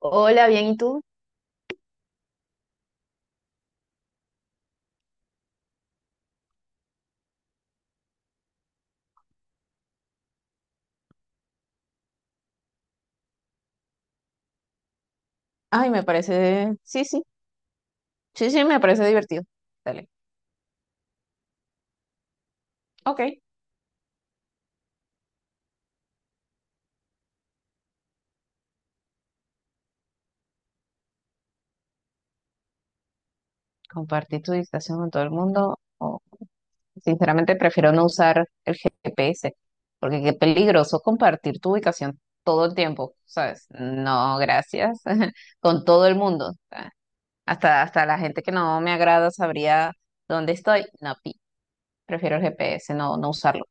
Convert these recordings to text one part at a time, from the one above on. Hola, bien, ¿y tú? Ay, me parece, sí, sí, sí, me parece divertido. Dale. Ok, compartir tu distracción con todo el mundo. O, sinceramente, prefiero no usar el GPS, porque qué peligroso compartir tu ubicación todo el tiempo, ¿sabes? No, gracias. Con todo el mundo. Hasta la gente que no me agrada sabría dónde estoy. No, pi, prefiero el GPS, no, no usarlo.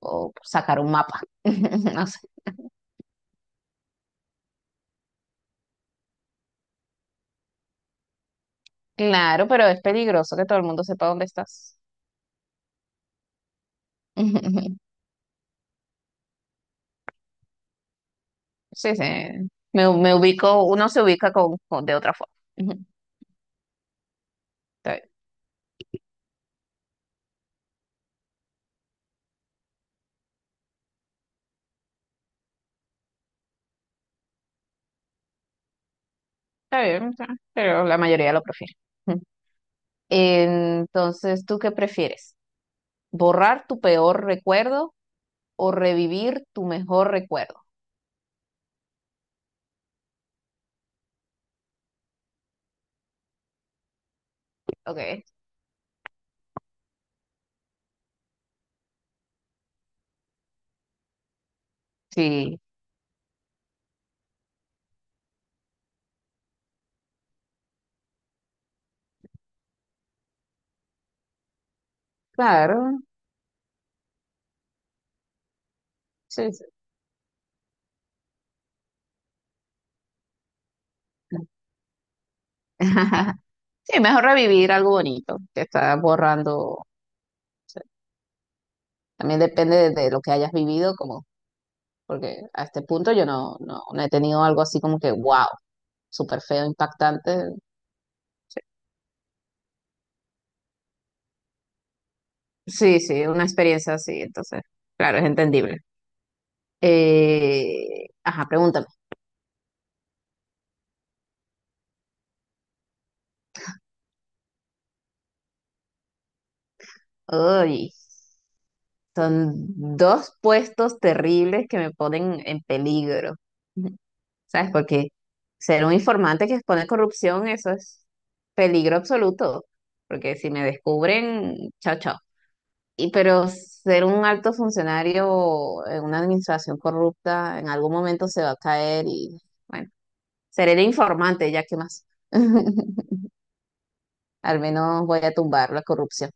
O sacar un mapa. No sé. Claro, pero es peligroso que todo el mundo sepa dónde estás. Ujú, ujú. Sí, sí. Me ubico, uno se ubica con, de otra forma. Ujú. Está bien, está bien, pero la mayoría lo prefiere. Ujú. Entonces, ¿tú qué prefieres? ¿Borrar tu peor recuerdo o revivir tu mejor recuerdo? Ok. Sí, claro. Sí, sí. Sí, mejor revivir algo bonito que está borrando. O sea, también depende de lo que hayas vivido, como, porque a este punto yo no, no, no he tenido algo así como que wow. Súper feo, impactante. Sí, sí, una experiencia así, entonces, claro, es entendible. Ajá, pregúntame. Uy, son dos puestos terribles que me ponen en peligro. Ujú. ¿Sabes? Porque ser un informante que expone corrupción, eso es peligro absoluto. Porque si me descubren, chao, chao. Pero ser un alto funcionario en una administración corrupta, en algún momento se va a caer y bueno. Seré el informante, ya que más. Al menos voy a tumbar la corrupción.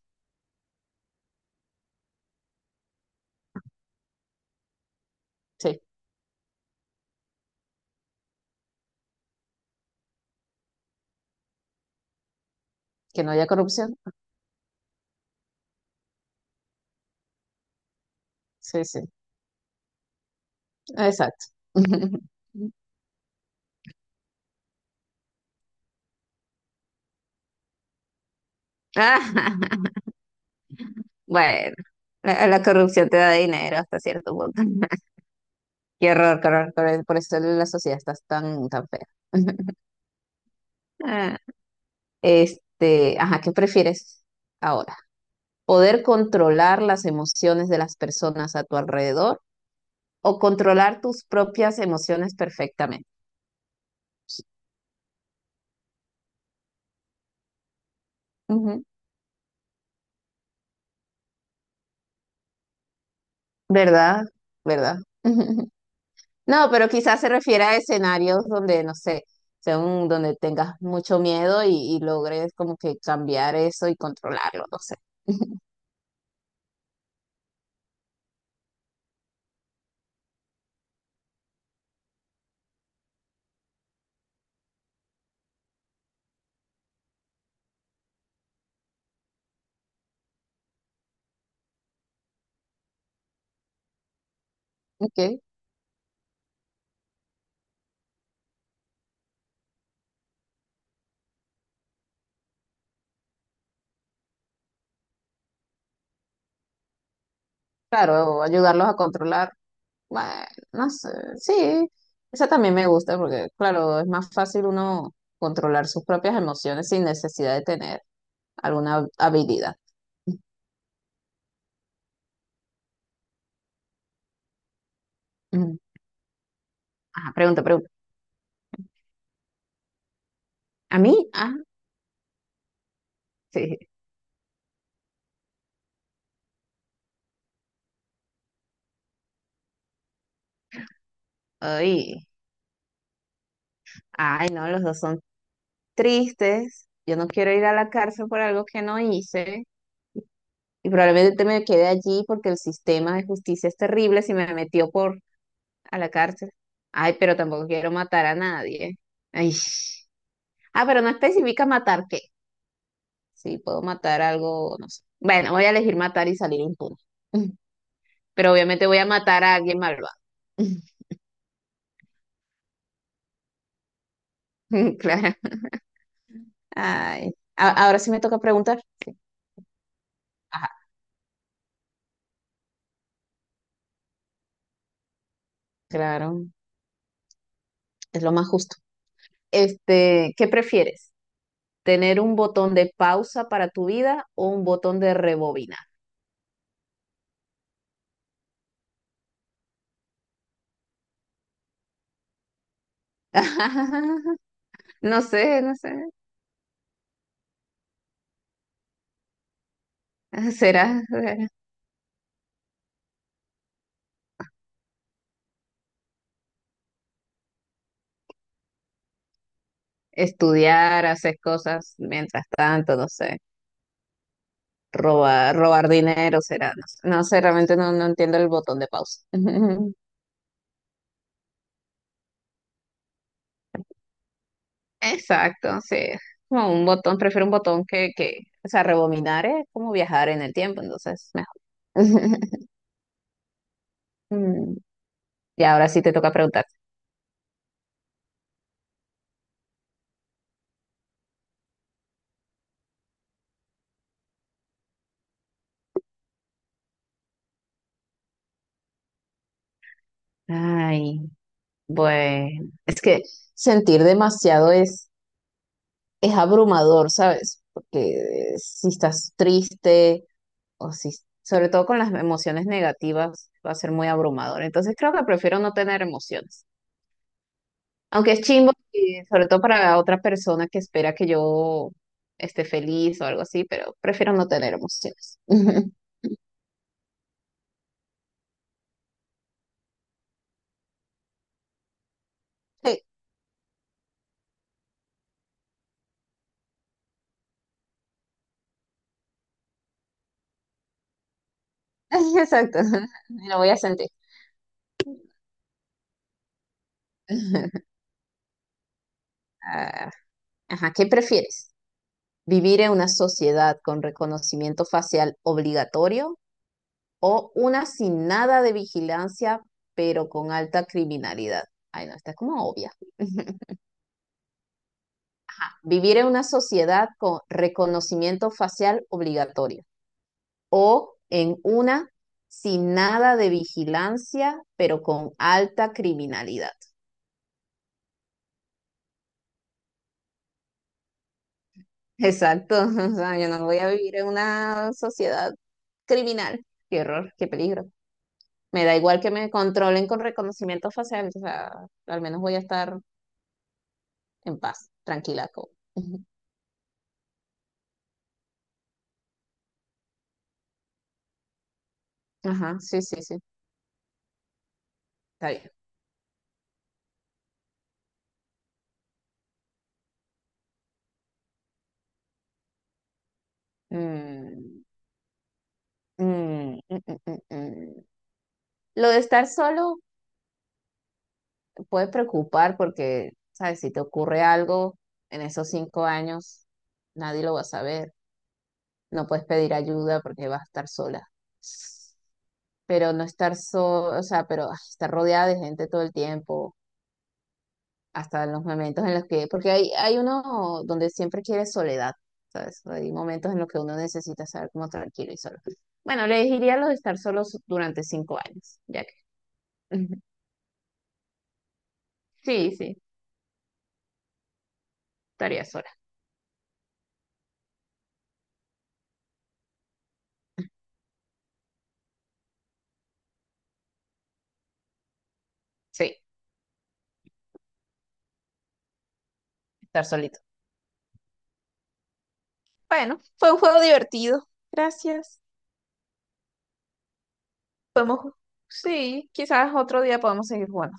Sí, que no haya corrupción. Sí, sí, exacto. Ah, bueno, la corrupción te da dinero hasta cierto punto. Qué horror, qué horror, qué horror. Por eso la sociedad está tan, tan fea. Ah, este, ajá, ¿qué prefieres ahora? ¿Poder controlar las emociones de las personas a tu alrededor o controlar tus propias emociones perfectamente? ¿Verdad? ¿Verdad? No, pero quizás se refiere a escenarios donde, no sé, donde tengas mucho miedo y logres como que cambiar eso y controlarlo, no sé. Ok, claro, ayudarlos a controlar. Bueno, no sé, sí, esa también me gusta porque, claro, es más fácil uno controlar sus propias emociones sin necesidad de tener alguna habilidad. Ujú. Ajá, pregunta, pregunta. ¿A mí? Ah, sí. Ay, ay, no, los dos son tristes, yo no quiero ir a la cárcel por algo que no hice y probablemente me quede allí porque el sistema de justicia es terrible si me metió por a la cárcel. Ay, pero tampoco quiero matar a nadie. Ay. Ah, pero no especifica matar qué. Sí, puedo matar algo, no sé. Bueno, voy a elegir matar y salir impune. Pero obviamente voy a matar a alguien malvado. Claro. Ay. A- ahora sí me toca preguntar. Ajá, claro, es lo más justo. Este, ¿qué prefieres? Tener un botón de pausa para tu vida o un botón de rebobinar. No sé, no sé. Será, será. Estudiar, hacer cosas mientras tanto, no sé. Robar dinero será, no sé. No sé, realmente no, no entiendo el botón de pausa. Exacto, sí. Como un botón, prefiero un botón o sea, rebobinar es como viajar en el tiempo, entonces mejor. Mm, y ahora sí te toca preguntar. Ay. Bueno, es que sentir demasiado es abrumador, ¿sabes? Porque si estás triste o si, sobre todo con las emociones negativas, va a ser muy abrumador. Entonces creo que prefiero no tener emociones. Aunque es chimbo, y sobre todo para otra persona que espera que yo esté feliz o algo así, pero prefiero no tener emociones. Sí, exacto. Lo voy a sentir. Ah, ajá, ¿qué prefieres? ¿Vivir en una sociedad con reconocimiento facial obligatorio o una sin nada de vigilancia, pero con alta criminalidad? Ay, no, está como obvia. ¿Vivir en una sociedad con reconocimiento facial obligatorio o en una sin nada de vigilancia, pero con alta criminalidad? Exacto. O sea, yo no voy a vivir en una sociedad criminal. Qué horror, qué peligro. Me da igual que me controlen con reconocimiento facial, o sea, al menos voy a estar en paz, tranquila. Ujú. Ajá, sí, sí, sí, está bien. Mm, mm, mm, mm, mm, mm. mm. Lo de estar solo puede preocupar porque, ¿sabes? Si te ocurre algo en esos 5 años, nadie lo va a saber. No puedes pedir ayuda porque vas a estar sola. Pero no estar solo, o sea, pero ah, estar rodeada de gente todo el tiempo hasta los momentos en los que, porque hay uno donde siempre quiere soledad, ¿sabes? Hay momentos en los que uno necesita estar como tranquilo y solo. Bueno, le diría lo de estar solos durante 5 años, ya que. Sí, sí, estaría sola. Sí, estar solito. Bueno, fue un juego divertido. Gracias. Podemos, sí, quizás otro día podemos seguir jugando.